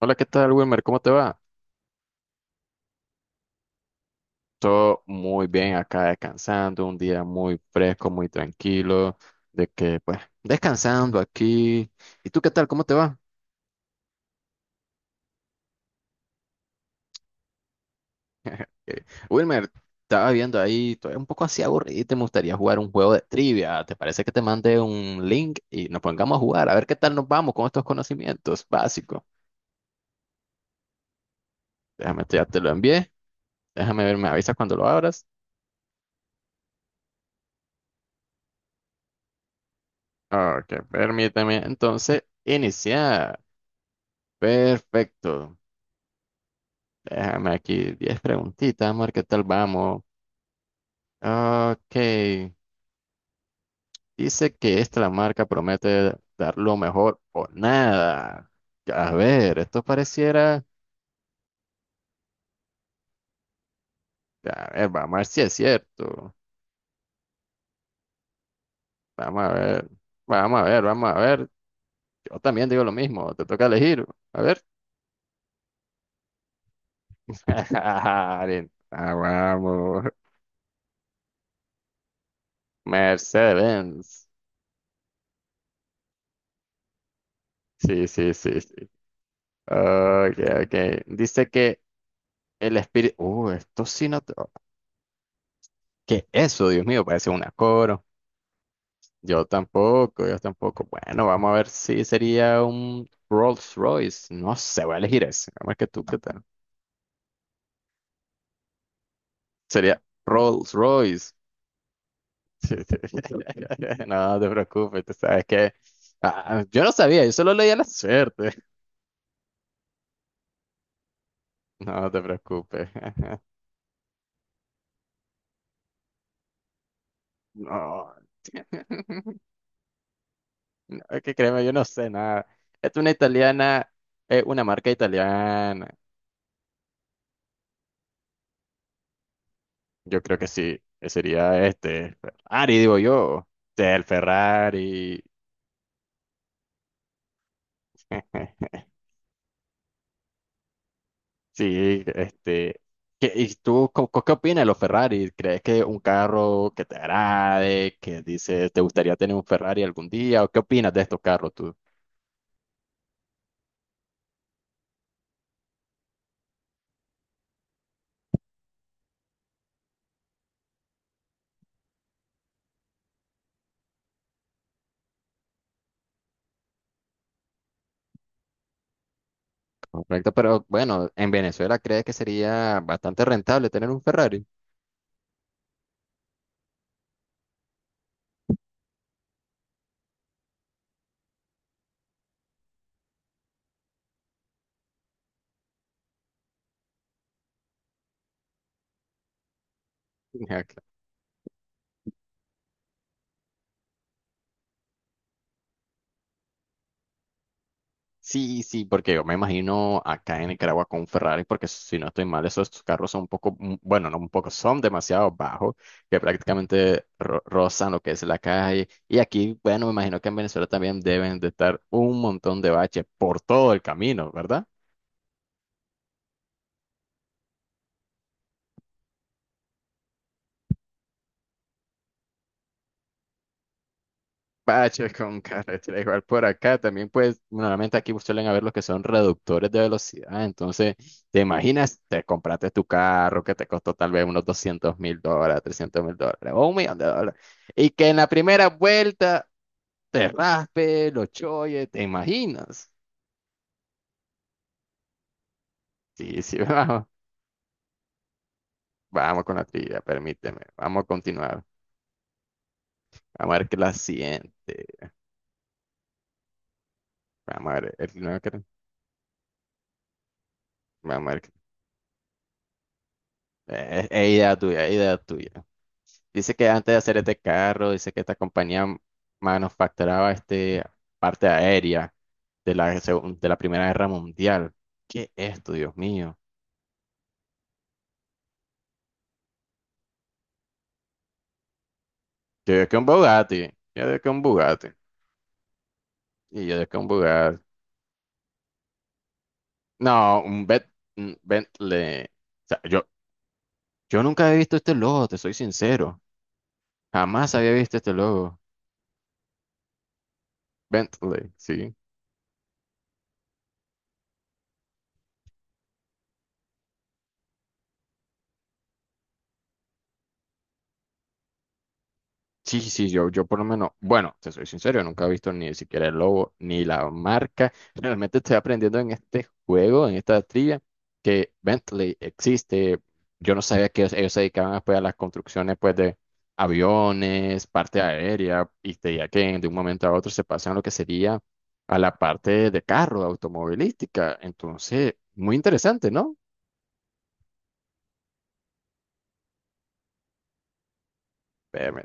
Hola, ¿qué tal, Wilmer? ¿Cómo te va? Todo muy bien acá descansando, un día muy fresco, muy tranquilo, de que pues descansando aquí. ¿Y tú qué tal? ¿Cómo te va? Eh, Wilmer, estaba viendo ahí, estoy un poco así aburrido y te gustaría jugar un juego de trivia. ¿Te parece que te mande un link y nos pongamos a jugar? A ver qué tal nos vamos con estos conocimientos básicos. Déjame, ya te lo envié. Déjame ver, me avisas cuando lo abras. Ok, permíteme entonces iniciar. Perfecto. Déjame aquí 10 preguntitas, amor, ¿qué tal vamos? Ok, dice que esta la marca promete dar lo mejor o nada. A ver, esto pareciera. A ver, vamos a ver si es cierto. Vamos a ver, vamos a ver, vamos a ver. Yo también digo lo mismo, te toca elegir. A ver. Ah, vamos. Mercedes-Benz. Sí, sí, sí, sí. Ok, ok. Dice que el espíritu. Esto sí no. ¿Qué es eso? Dios mío, parece un coro. Yo tampoco, yo tampoco. Bueno, vamos a ver si sería un Rolls Royce. No sé, voy a elegir ese. Vamos a ver que tú, ¿qué tal? Sería Rolls Royce. No te preocupes, tú sabes que. Ah, yo no sabía, yo solo leía la suerte. No te preocupes. No, no, es que créeme, yo no sé nada. Es una italiana, es una marca italiana. Yo creo que sí, que sería este Ferrari, digo yo. O sea, el Ferrari. Sí, este. ¿Y tú qué opinas de los Ferrari? ¿Crees que un carro que te agrade, que dices, te gustaría tener un Ferrari algún día? ¿O qué opinas de estos carros tú? Correcto, pero bueno, en Venezuela crees que sería bastante rentable tener un Ferrari. Sí, sí, porque yo me imagino acá en Nicaragua con Ferrari, porque si no estoy mal, esos carros son un poco, bueno, no un poco, son demasiado bajos, que prácticamente rozan lo que es la calle. Y aquí, bueno, me imagino que en Venezuela también deben de estar un montón de baches por todo el camino, ¿verdad? Baches con carretera, igual por acá también pues normalmente aquí suelen haber los que son reductores de velocidad, entonces te imaginas, te compraste tu carro que te costó tal vez unos $200.000, $300.000 o $1 millón y que en la primera vuelta te raspe, lo choye, te imaginas. Sí, sí, vamos, vamos con la trivia, permíteme, vamos a continuar, vamos a ver qué la siguiente, vamos a ver, vamos a ver, vamos a ver, es idea tuya, es idea tuya. Dice que antes de hacer este carro, dice que esta compañía manufacturaba este parte aérea de la Primera Guerra Mundial. ¿Qué es esto, Dios mío? Yo digo que un Bugatti. Yo digo que un Bugatti. Y yo digo que un Bugatti. No, un Bentley. O sea, yo nunca había visto este logo, te soy sincero. Jamás había visto este logo. Bentley, sí. Sí, sí, sí, yo por lo menos, bueno, te soy sincero, nunca he visto ni siquiera el logo ni la marca. Realmente estoy aprendiendo en este juego, en esta trivia, que Bentley existe. Yo no sabía que ellos se dedicaban pues, a las construcciones pues, de aviones, parte aérea, y te diría que de un momento a otro se pasan a lo que sería a la parte de carro, de automovilística. Entonces, muy interesante, ¿no? Permíteme,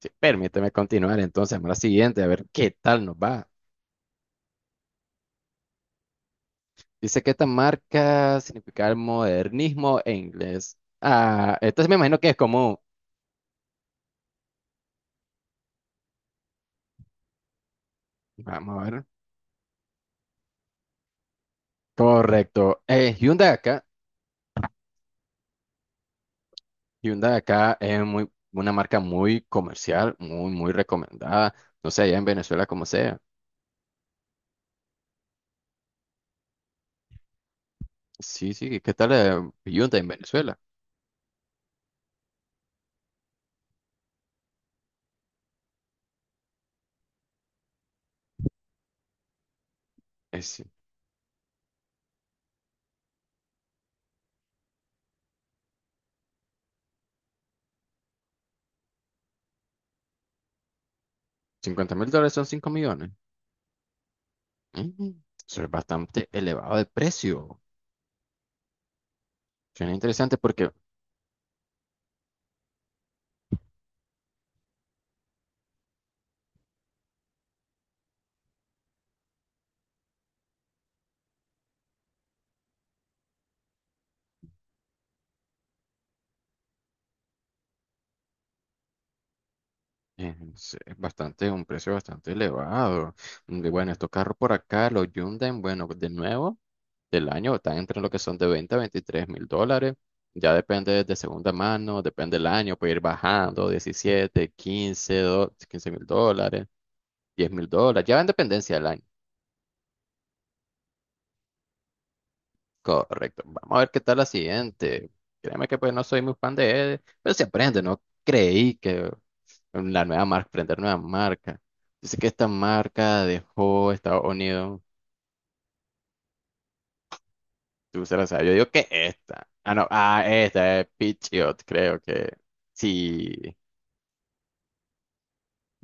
sí, permíteme continuar entonces, vamos a la siguiente, a ver qué tal nos va. Dice que esta marca significa el modernismo en inglés. Ah, entonces me imagino que es como, vamos a ver. Correcto. Hyundai acá es una marca muy comercial, muy, muy recomendada. No sé, allá en Venezuela como sea. Sí, sí, ¿qué tal Hyundai en Venezuela? Es 50 mil dólares son 5 millones. Mm, Eso es bastante elevado de precio. Suena interesante porque. Sí, es bastante, un precio bastante elevado. Y bueno, estos carros por acá, los Hyundai, bueno, de nuevo, del año están entre lo que son de 20.000 a 23.000 dólares. Ya depende de segunda mano, depende del año, puede ir bajando 17, quince mil dólares, 10.000 dólares. Ya va en dependencia del año. Correcto. Vamos a ver qué tal la siguiente. Créeme que pues no soy muy fan de él, pero se aprende, no creí que la nueva marca, aprender nueva marca. Dice que esta marca dejó Estados Unidos. Tú se la sabes. Yo digo que esta. Ah, no, ah, esta es Patriot, creo que sí.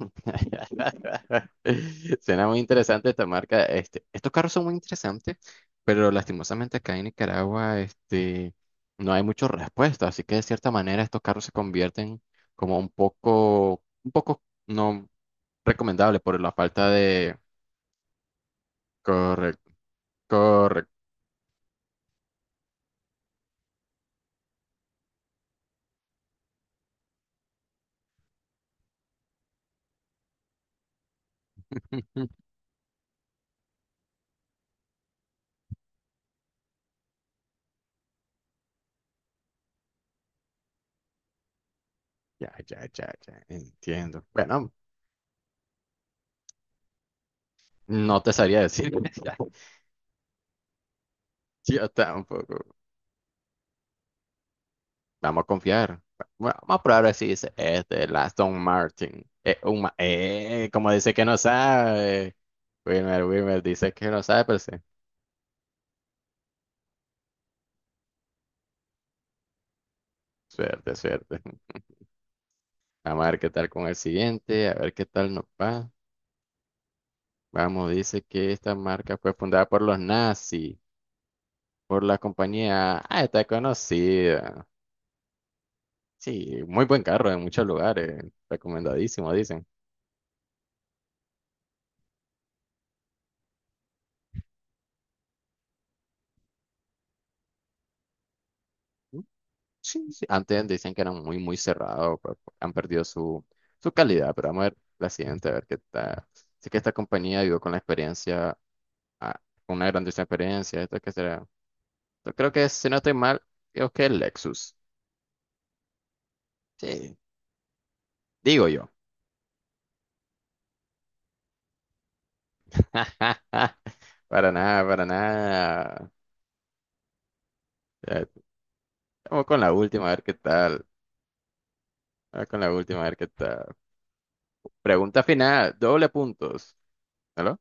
Suena muy interesante esta marca. Estos carros son muy interesantes, pero lastimosamente acá en Nicaragua, no hay mucha respuesta. Así que de cierta manera estos carros se convierten como un poco no recomendable por la falta de. Correcto, correcto. Ya, ya, ya, ya, entiendo. Bueno, no te sabría decir. Ya, yo tampoco. Vamos a confiar. Bueno, vamos a probar a ver si dice, el Aston Martin. Como dice que no sabe. Wilmer dice que no sabe, pero sí. Suerte, suerte. Vamos a ver qué tal con el siguiente, a ver qué tal nos va. Vamos, dice que esta marca fue fundada por los nazis, por la compañía. Ah, está conocida. Sí, muy buen carro en muchos lugares. Recomendadísimo, dicen. Sí, sí, antes decían que eran muy, muy cerrados, pues, han perdido su, calidad, pero vamos a ver la siguiente, a ver qué tal. Sé que esta compañía ayudó con la experiencia, a- con una grandísima experiencia, esto que será. Yo creo que, si no estoy mal, creo que es Lexus. Sí, digo yo. Para nada, para nada. Ya, vamos con la última, a ver qué tal. Vamos con la última, a ver qué tal. Pregunta final, doble puntos. ¿Aló?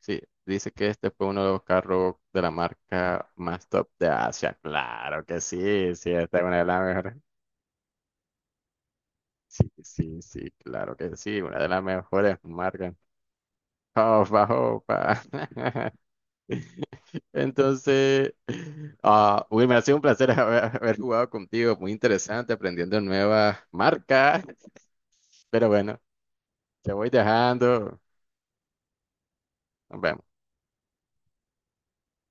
Sí, dice que este fue uno de los carros de la marca más top de Asia. Claro que sí, sí, esta es una de las mejores. Sí, sí, sí, claro que sí, una de las mejores marcas. Opa, opa. Entonces, ah, Will, me ha sido un placer haber jugado contigo, muy interesante, aprendiendo nuevas marcas. Pero bueno, te voy dejando. Nos vemos.